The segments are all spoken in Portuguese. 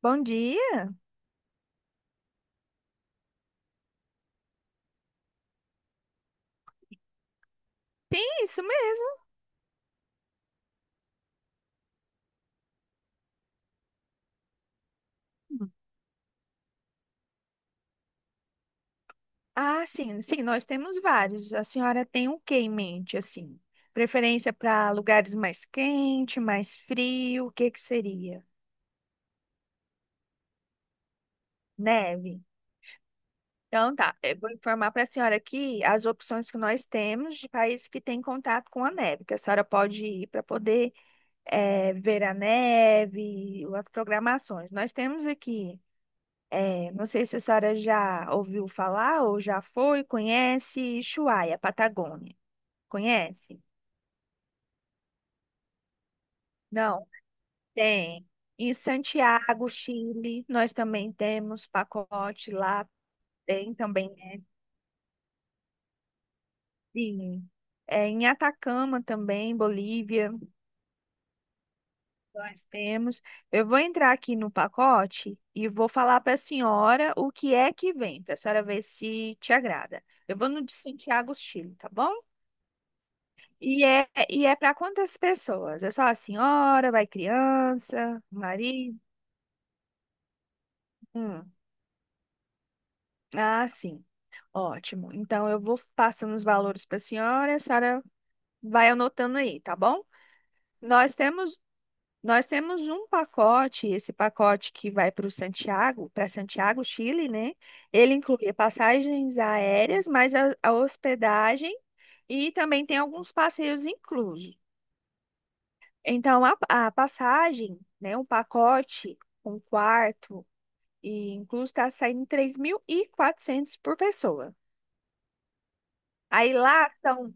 Bom dia. Tem isso mesmo. Ah, sim, sim, nós temos vários. A senhora tem o que em mente, assim? Preferência para lugares mais quente, mais frio, o que que seria? Neve. Então tá, eu vou informar para a senhora aqui as opções que nós temos de países que têm contato com a neve, que a senhora pode ir para poder ver a neve, as programações. Nós temos aqui. Não sei se a senhora já ouviu falar ou já foi, conhece Ushuaia, Patagônia. Conhece? Não, tem. Em Santiago, Chile, nós também temos pacote lá, tem também. Sim. Em Atacama também, Bolívia, nós temos. Eu vou entrar aqui no pacote e vou falar para a senhora o que é que vem, para a senhora ver se te agrada. Eu vou no de Santiago, Chile, tá bom? E é para quantas pessoas? É só a senhora, vai criança, marido? Hum. Ah, sim. Ótimo. Então eu vou passando os valores para a senhora, e a senhora vai anotando aí, tá bom? Nós temos nós temos um pacote, esse pacote que vai para o Santiago, para Santiago, Chile, né? Ele inclui passagens aéreas, mais a hospedagem e também tem alguns passeios inclusos. Então, a passagem, né, um pacote, um quarto e incluso está saindo 3.400 por pessoa. Aí lá são,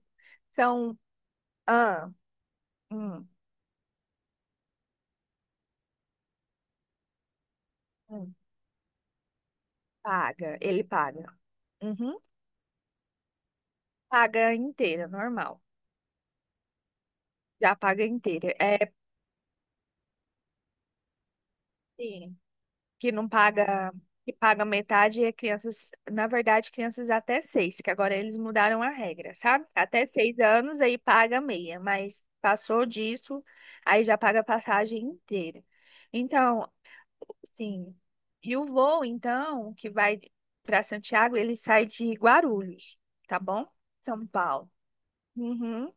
são, ah, hum, hum, paga, ele paga. Uhum, paga inteira, normal. Já paga inteira. É, sim. Que não paga, que paga metade, e é crianças, na verdade, crianças até seis, que agora eles mudaram a regra, sabe? Até 6 anos aí paga meia, mas passou disso, aí já paga a passagem inteira. Então, sim. E o voo, então, que vai para Santiago, ele sai de Guarulhos, tá bom? São Paulo. Uhum.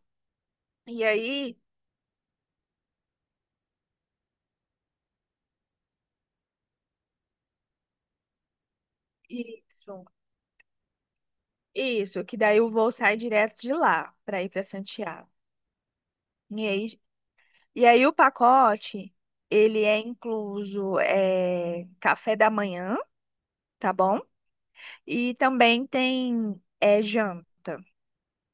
E aí, isso, isso, que daí o voo sai direto de lá para ir para Santiago. E aí E aí o pacote, ele é incluso café da manhã, tá bom? E também tem janta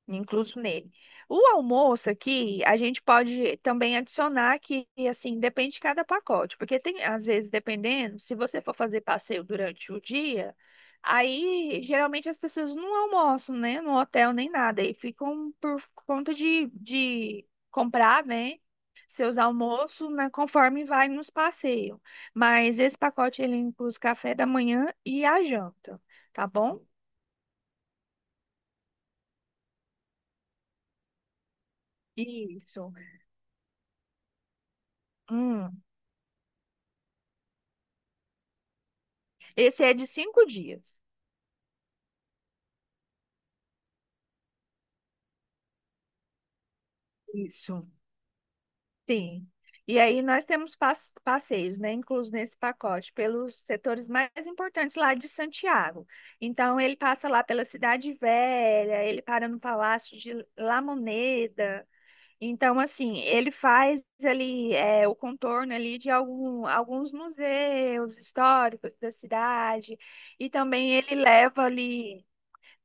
incluso nele. O almoço aqui, a gente pode também adicionar que, assim, depende de cada pacote, porque tem, às vezes, dependendo, se você for fazer passeio durante o dia, aí geralmente as pessoas não almoçam, né, no hotel nem nada, e ficam por conta de comprar, né, seus almoços, né, conforme vai nos passeios. Mas esse pacote, ele inclui o café da manhã e a janta, tá bom? Isso. Hum. Esse é de 5 dias. Isso. Sim. E aí nós temos passeios, né, inclusos nesse pacote, pelos setores mais importantes lá de Santiago. Então ele passa lá pela Cidade Velha, ele para no Palácio de La Moneda. Então assim, ele faz ali o contorno ali de algum, alguns museus históricos da cidade. E também ele leva ali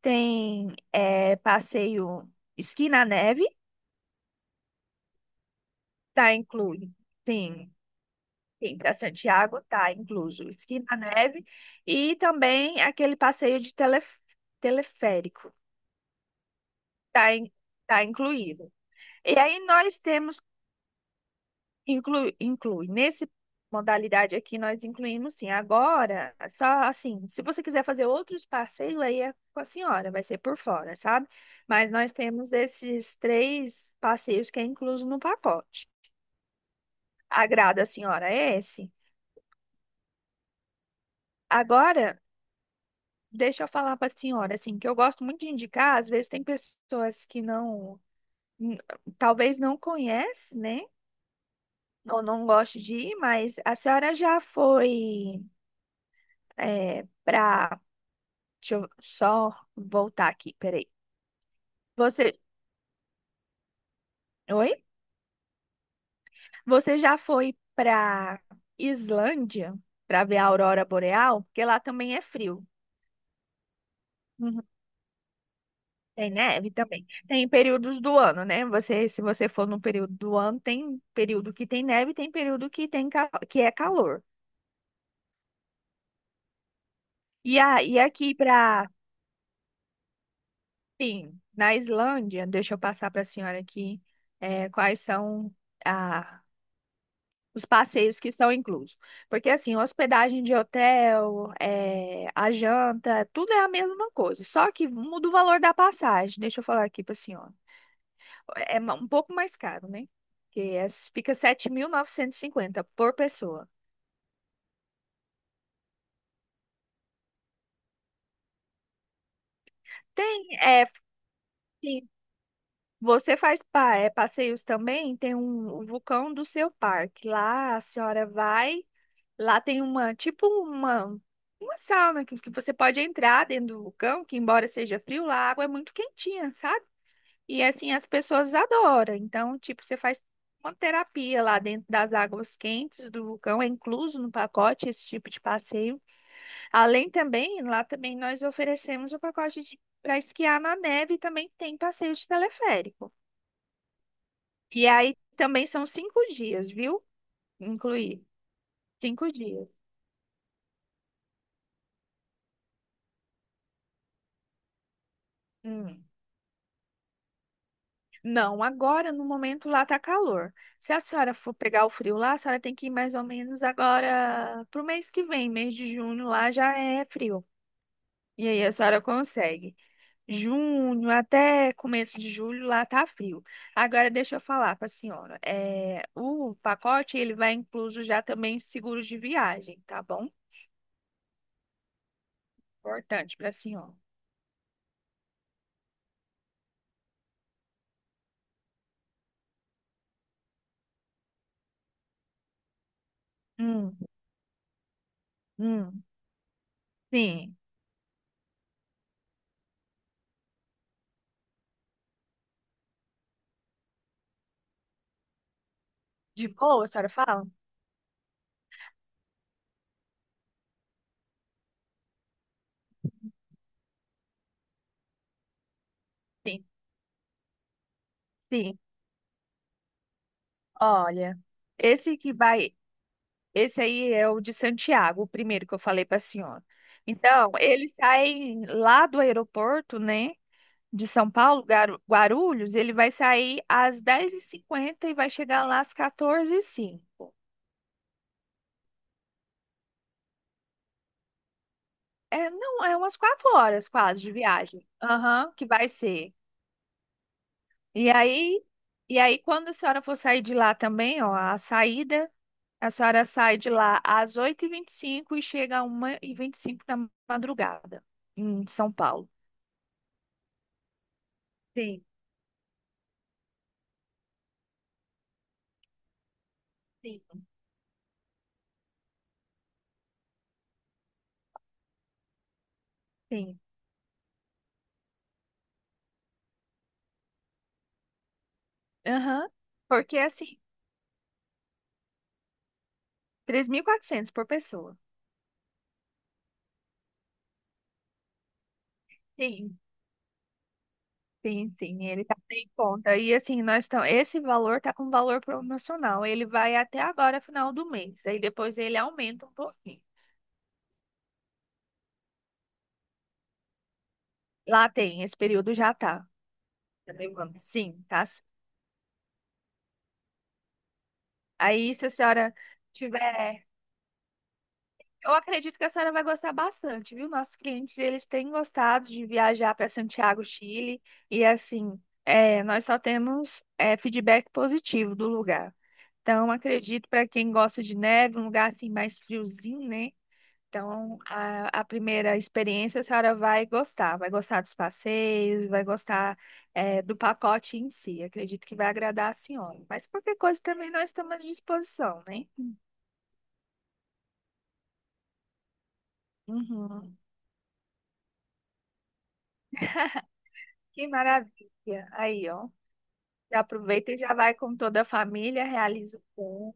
tem passeio esqui na neve. Tá incluído. Sim, sim, para Santiago tá incluso esqui na neve e também aquele passeio de teleférico. tá, in- tá incluído. E aí nós temos inclui nesse modalidade aqui nós incluímos sim. Agora, só assim, se você quiser fazer outros passeios aí é com a senhora, vai ser por fora, sabe? Mas nós temos esses três passeios que é incluso no pacote. Agrada a senhora esse? Agora deixa eu falar para a senhora, assim, que eu gosto muito de indicar, às vezes tem pessoas que não, n- talvez não conhece, né? Ou não goste de ir, mas a senhora já foi é, para. Deixa eu só voltar aqui, peraí. Você. Oi? Você já foi para Islândia para ver a aurora boreal? Porque lá também é frio. Tem neve também. Tem períodos do ano, né? Você, se você for no período do ano, tem período que tem neve, tem período que tem que é calor. E, a, e aqui para, sim, na Islândia, deixa eu passar para a senhora aqui quais são a, os passeios que são inclusos. Porque assim, hospedagem de hotel, é, a janta, tudo é a mesma coisa, só que muda o valor da passagem. Deixa eu falar aqui para a senhora. Um pouco mais caro, né? Que essa fica 7.950 por pessoa. Tem, é, sim, você faz passeios também, tem um, o vulcão do seu parque. Lá a senhora vai, lá tem uma, tipo uma sauna que você pode entrar dentro do vulcão, que embora seja frio, lá a água é muito quentinha, sabe? E assim, as pessoas adoram. Então, tipo, você faz uma terapia lá dentro das águas quentes do vulcão, é incluso no pacote esse tipo de passeio. Além também, lá também nós oferecemos o pacote de para esquiar na neve e também tem passeio de teleférico. E aí também são 5 dias, viu? Incluir. 5 dias. Hum. Não, agora no momento lá tá calor. Se a senhora for pegar o frio lá, a senhora tem que ir mais ou menos agora pro mês que vem, mês de junho lá já é frio. E aí a senhora consegue. Junho até começo de julho lá tá frio. Agora deixa eu falar para a senhora. É, o pacote ele vai incluso já também seguros de viagem, tá bom? Importante para a senhora. Hum, hum, sim. De boa, a senhora fala? Sim, sim. Olha, esse que vai, esse aí é o de Santiago, o primeiro que eu falei para a senhora. Então, eles saem lá do aeroporto, né? De São Paulo, Guarulhos, ele vai sair às 10:50 e vai chegar lá às 14 e cinco. É, não, é umas 4 horas quase de viagem. Aham, que vai ser. E aí, e aí, quando a senhora for sair de lá também, ó, a saída, a senhora sai de lá às 8:25 e chega a 1:25 da madrugada em São Paulo. Sim, sim, sim. Aham, porque assim, 3.400 por pessoa. Sim. Sim, sim, ele tá sem conta. E assim, nós estamos. Esse valor tá com valor promocional. Ele vai até agora, final do mês. Aí depois ele aumenta um pouquinho. Lá tem, esse período já tá. Tá levando. Sim, tá. Aí, se a senhora tiver. Eu acredito que a senhora vai gostar bastante, viu? Nossos clientes, eles têm gostado de viajar para Santiago, Chile. E assim, nós só temos feedback positivo do lugar. Então, acredito para quem gosta de neve, um lugar assim mais friozinho, né? Então, a primeira experiência a senhora vai gostar dos passeios, vai gostar do pacote em si. Acredito que vai agradar a senhora. Mas qualquer coisa também nós estamos à disposição, né? Uhum. Que maravilha. Aí, ó. Já aproveita e já vai com toda a família, realiza o plano.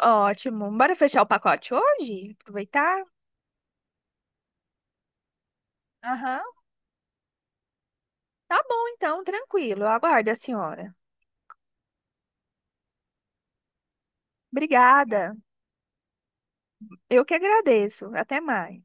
Ótimo. Bora fechar o pacote hoje? Aproveitar? Aham. Tá bom, então, tranquilo. Eu aguardo a senhora. Obrigada. Eu que agradeço. Até mais.